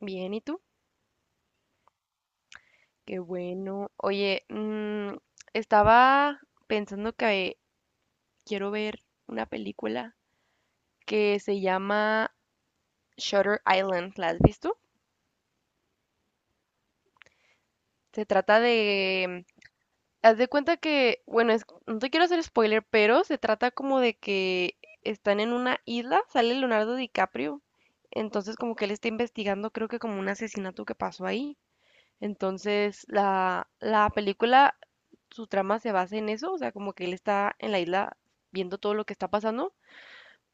Bien, ¿y tú? Qué bueno. Oye, estaba pensando que quiero ver una película que se llama Shutter Island. ¿La has visto? Se trata de... Haz de cuenta que, bueno, no te quiero hacer spoiler, pero se trata como de que están en una isla, sale Leonardo DiCaprio, entonces como que él está investigando, creo que como un asesinato que pasó ahí. Entonces, la película, su trama se basa en eso, o sea, como que él está en la isla viendo todo lo que está pasando,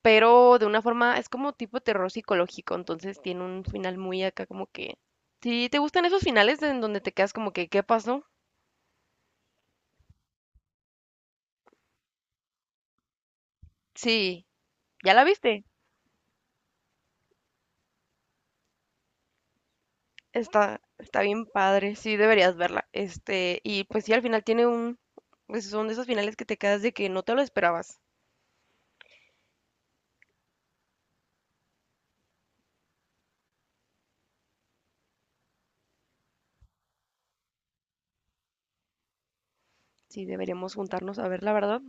pero de una forma es como tipo terror psicológico, entonces tiene un final muy acá como que... Si te gustan esos finales en donde te quedas como que, ¿qué pasó? Sí, ¿ya la viste? Está, está bien padre, sí deberías verla. Este, y pues sí, al final tiene un... pues, son de esos finales que te quedas de que no te lo esperabas. Sí, deberíamos juntarnos a ver, la verdad.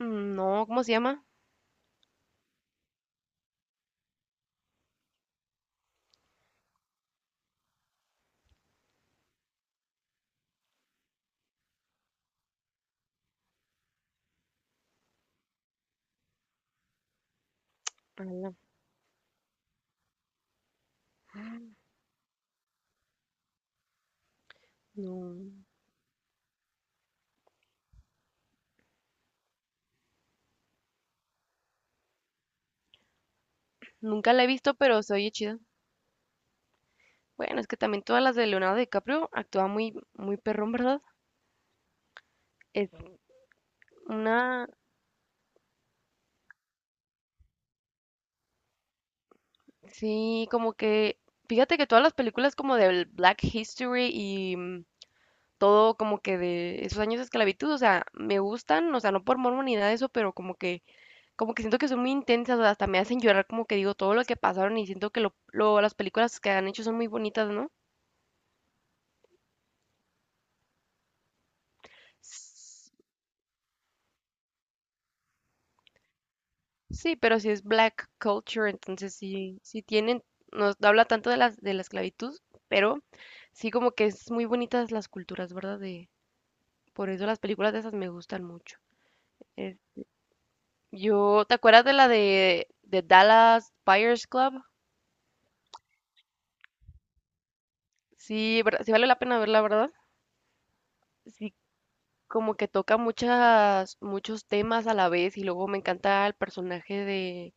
Mm, no, ¿cómo se llama? No, nunca la he visto, pero se oye chida. Bueno, es que también todas las de Leonardo DiCaprio actúa muy, muy perrón, ¿verdad? Es una, sí, como que, fíjate que todas las películas como del Black History y todo como que de esos años de esclavitud, o sea, me gustan, o sea, no por morbo ni nada de eso, pero como que siento que son muy intensas, o sea, hasta me hacen llorar, como que digo, todo lo que pasaron y siento que las películas que han hecho son muy bonitas, ¿no? Sí, pero si es black culture, entonces sí, sí tienen, no habla tanto de la esclavitud, pero sí como que es muy bonitas las culturas, ¿verdad? De, por eso las películas de esas me gustan mucho. Eh, yo, ¿te acuerdas de la de Dallas Buyers Club? Sí, sí vale la pena verla, ¿verdad? Sí, como que toca muchos temas a la vez y luego me encanta el personaje de,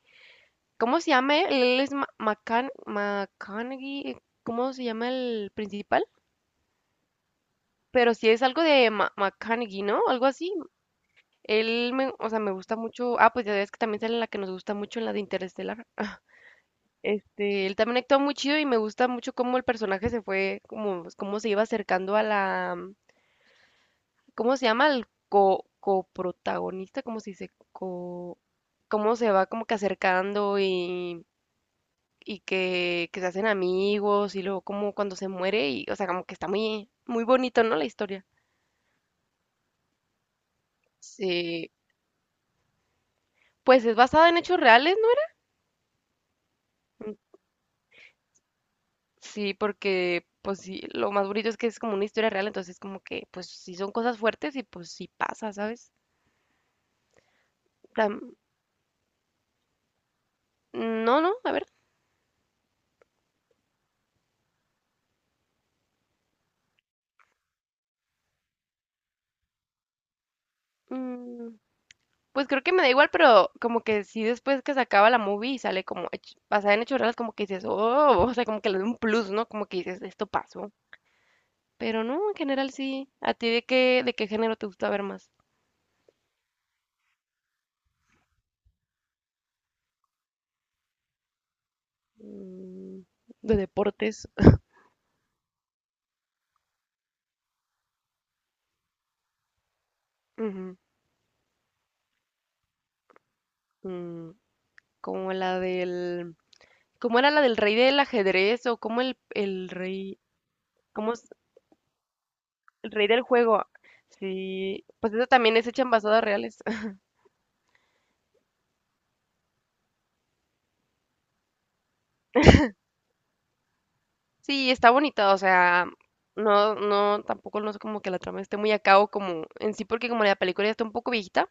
¿cómo se llama él? Él es McConaughey, ¿cómo se llama el principal? Pero si es algo de McConaughey, ¿no? Algo así. Él me, o sea, me gusta mucho. Ah, pues ya ves que también sale la que nos gusta mucho, en la de Interestelar. Este, él también actúa muy chido y me gusta mucho cómo el personaje se fue, como, pues, cómo se iba acercando a la, ¿cómo se llama? Al coprotagonista, ¿cómo se dice? Co, cómo se va como que acercando y, que se hacen amigos y luego como cuando se muere y, o sea, como que está muy, muy bonito, ¿no? La historia. Sí. Pues es basada en hechos reales, ¿no? Sí, porque pues sí, lo más bonito es que es como una historia real, entonces como que pues sí son cosas fuertes y pues sí pasa, ¿sabes? Tam- no, no, a ver. Mm, pues creo que me da igual, pero como que sí después que se acaba la movie y sale como basada en hechos reales, como que dices, oh, o sea, como que le da un plus, ¿no? Como que dices, esto pasó. Pero no, en general sí. ¿A ti de de qué género te gusta ver más? Mm, de deportes. Ujú, mm, como la del... ¿Cómo era la del rey del ajedrez? ¿O cómo el rey, cómo es el rey del juego? Sí, pues eso también es hecha en basadas reales. Sí, está bonita, o sea, no, no, tampoco no es como que la trama esté muy a cabo como en sí, porque como la película ya está un poco viejita,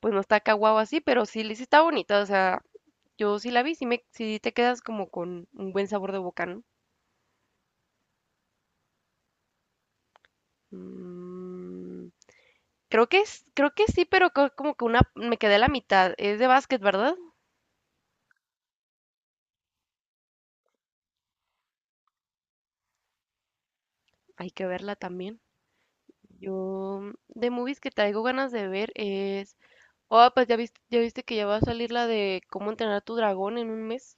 pues no está acá guau así, pero sí, sí está bonita, o sea, yo sí la vi, sí, me, sí te quedas como con un buen sabor de boca, ¿no? Mm, creo que es, creo que sí, pero como que una, me quedé a la mitad, es de básquet, ¿verdad? Hay que verla también. Yo, de movies que traigo ganas de ver es. Oh, pues ya viste que ya va a salir la de cómo entrenar a tu dragón en un mes.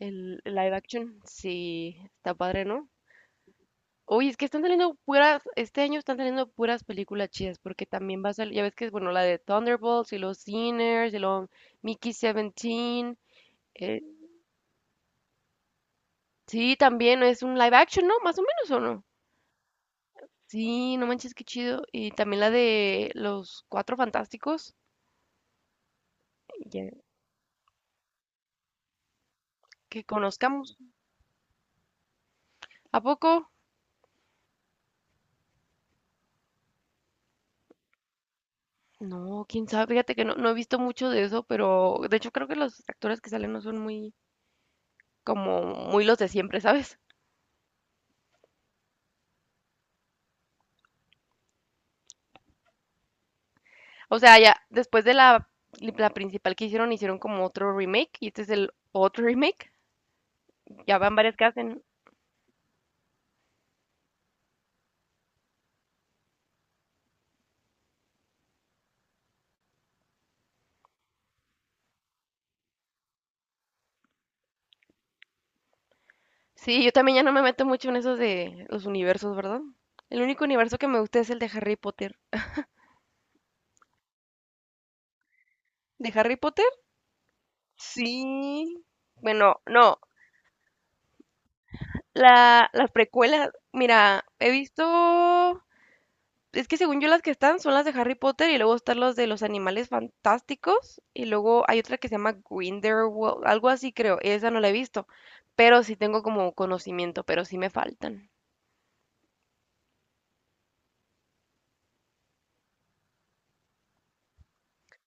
El live action. Sí, está padre, ¿no? Oye, es que están saliendo puras. Este año están saliendo puras películas chidas. Porque también va a salir. Ya ves que es, bueno, la de Thunderbolts y los Sinners y los Mickey 17. Eh, sí, también es un live action, ¿no? Más o menos, ¿o no? Sí, no manches, qué chido. Y también la de los Cuatro Fantásticos. Ya, que conozcamos. ¿A poco? No, quién sabe, fíjate que no, no he visto mucho de eso, pero de hecho creo que los actores que salen no son muy, como, muy los de siempre, ¿sabes? O sea, ya después de la principal que hicieron, hicieron como otro remake y este es el otro remake. Ya van varias que hacen. Sí, yo también ya no me meto mucho en esos de los universos, ¿verdad? El único universo que me gusta es el de Harry Potter. ¿De Harry Potter? Sí. Bueno, no, las precuelas, mira, he visto. Es que según yo las que están son las de Harry Potter y luego están los de los animales fantásticos y luego hay otra que se llama Grindelwald, algo así creo, esa no la he visto, pero sí tengo como conocimiento, pero sí me faltan.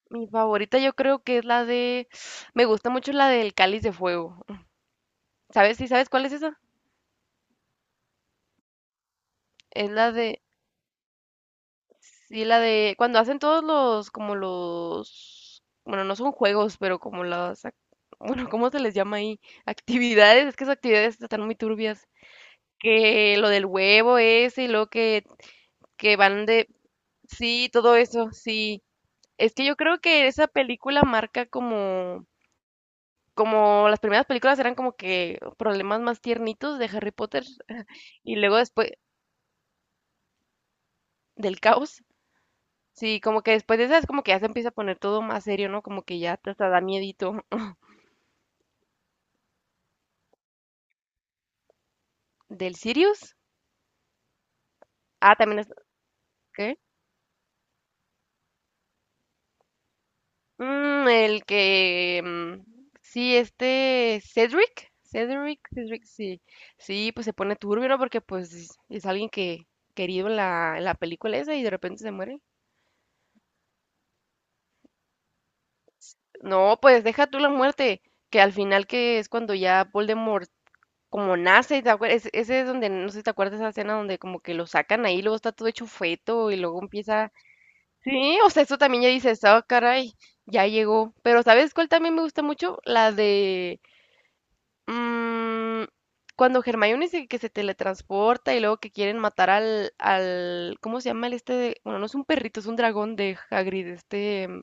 Mi favorita yo creo que es la de, me gusta mucho la del Cáliz de Fuego. ¿Sabes? ¿Sí sabes cuál es esa? Es la de, sí, la de cuando hacen todos los, como los, bueno, no son juegos, pero como las, bueno, ¿cómo se les llama ahí? Actividades, es que esas actividades están muy turbias. Que lo del huevo ese y lo que van de... Sí, todo eso, sí. Es que yo creo que esa película marca como... Como las primeras películas eran como que problemas más tiernitos de Harry Potter y luego después del caos. Sí, como que después de esa es como que ya se empieza a poner todo más serio, ¿no? Como que ya te hasta da miedito. ¿Del Sirius? Ah, también es... ¿Qué? Mm, el que... mm, sí, este Cedric. Cedric, sí. Sí, pues se pone turbio, ¿no? Porque pues es alguien que querido en la película esa y de repente se muere. No, pues deja tú la muerte, que al final que es cuando ya Voldemort como nace, ¿te ese, es donde, no sé si te acuerdas de esa escena donde como que lo sacan ahí, luego está todo hecho feto y luego empieza... Sí, o sea, eso también ya dices, oh, caray, ya llegó. Pero ¿sabes cuál también me gusta mucho? La de... Mm, cuando Hermione dice que se teletransporta y luego que quieren matar al ¿cómo se llama el este? Bueno, no es un perrito, es un dragón de Hagrid, este,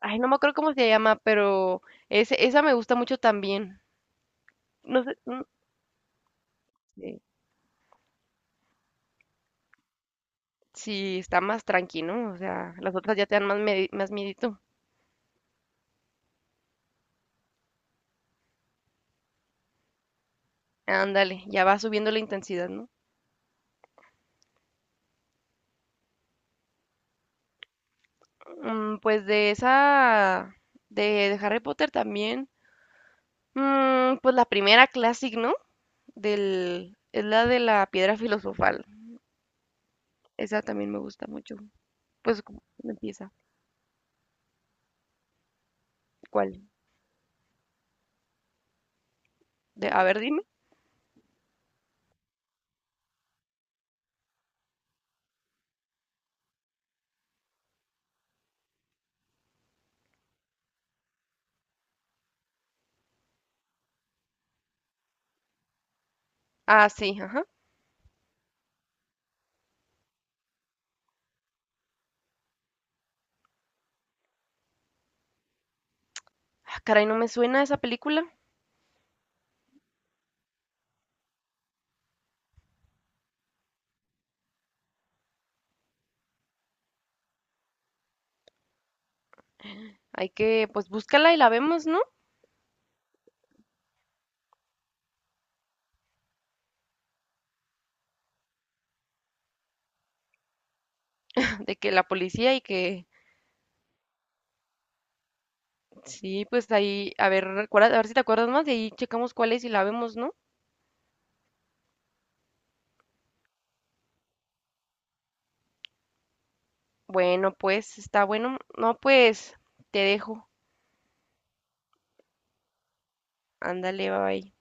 ay, no me acuerdo cómo se llama, pero esa me gusta mucho también. No sé, sí, sí, está más tranquilo, o sea, las otras ya te dan más, más miedito. Ándale, ya va subiendo la intensidad, ¿no? Pues de esa, de, de Harry Potter también, pues la primera Classic, ¿no? Del, es la de la piedra filosofal. Esa también me gusta mucho. Pues, ¿cómo empieza? ¿Cuál? De, a ver, dime. Ah, sí, ajá. Ah, caray, no me suena esa película. Hay que, pues, búscala y la vemos, ¿no? De que la policía y que... Sí, pues ahí, a ver, a ver si te acuerdas más, de ahí checamos cuál es y la vemos, ¿no? Bueno, pues, está bueno. No, pues, te dejo. Ándale, bye.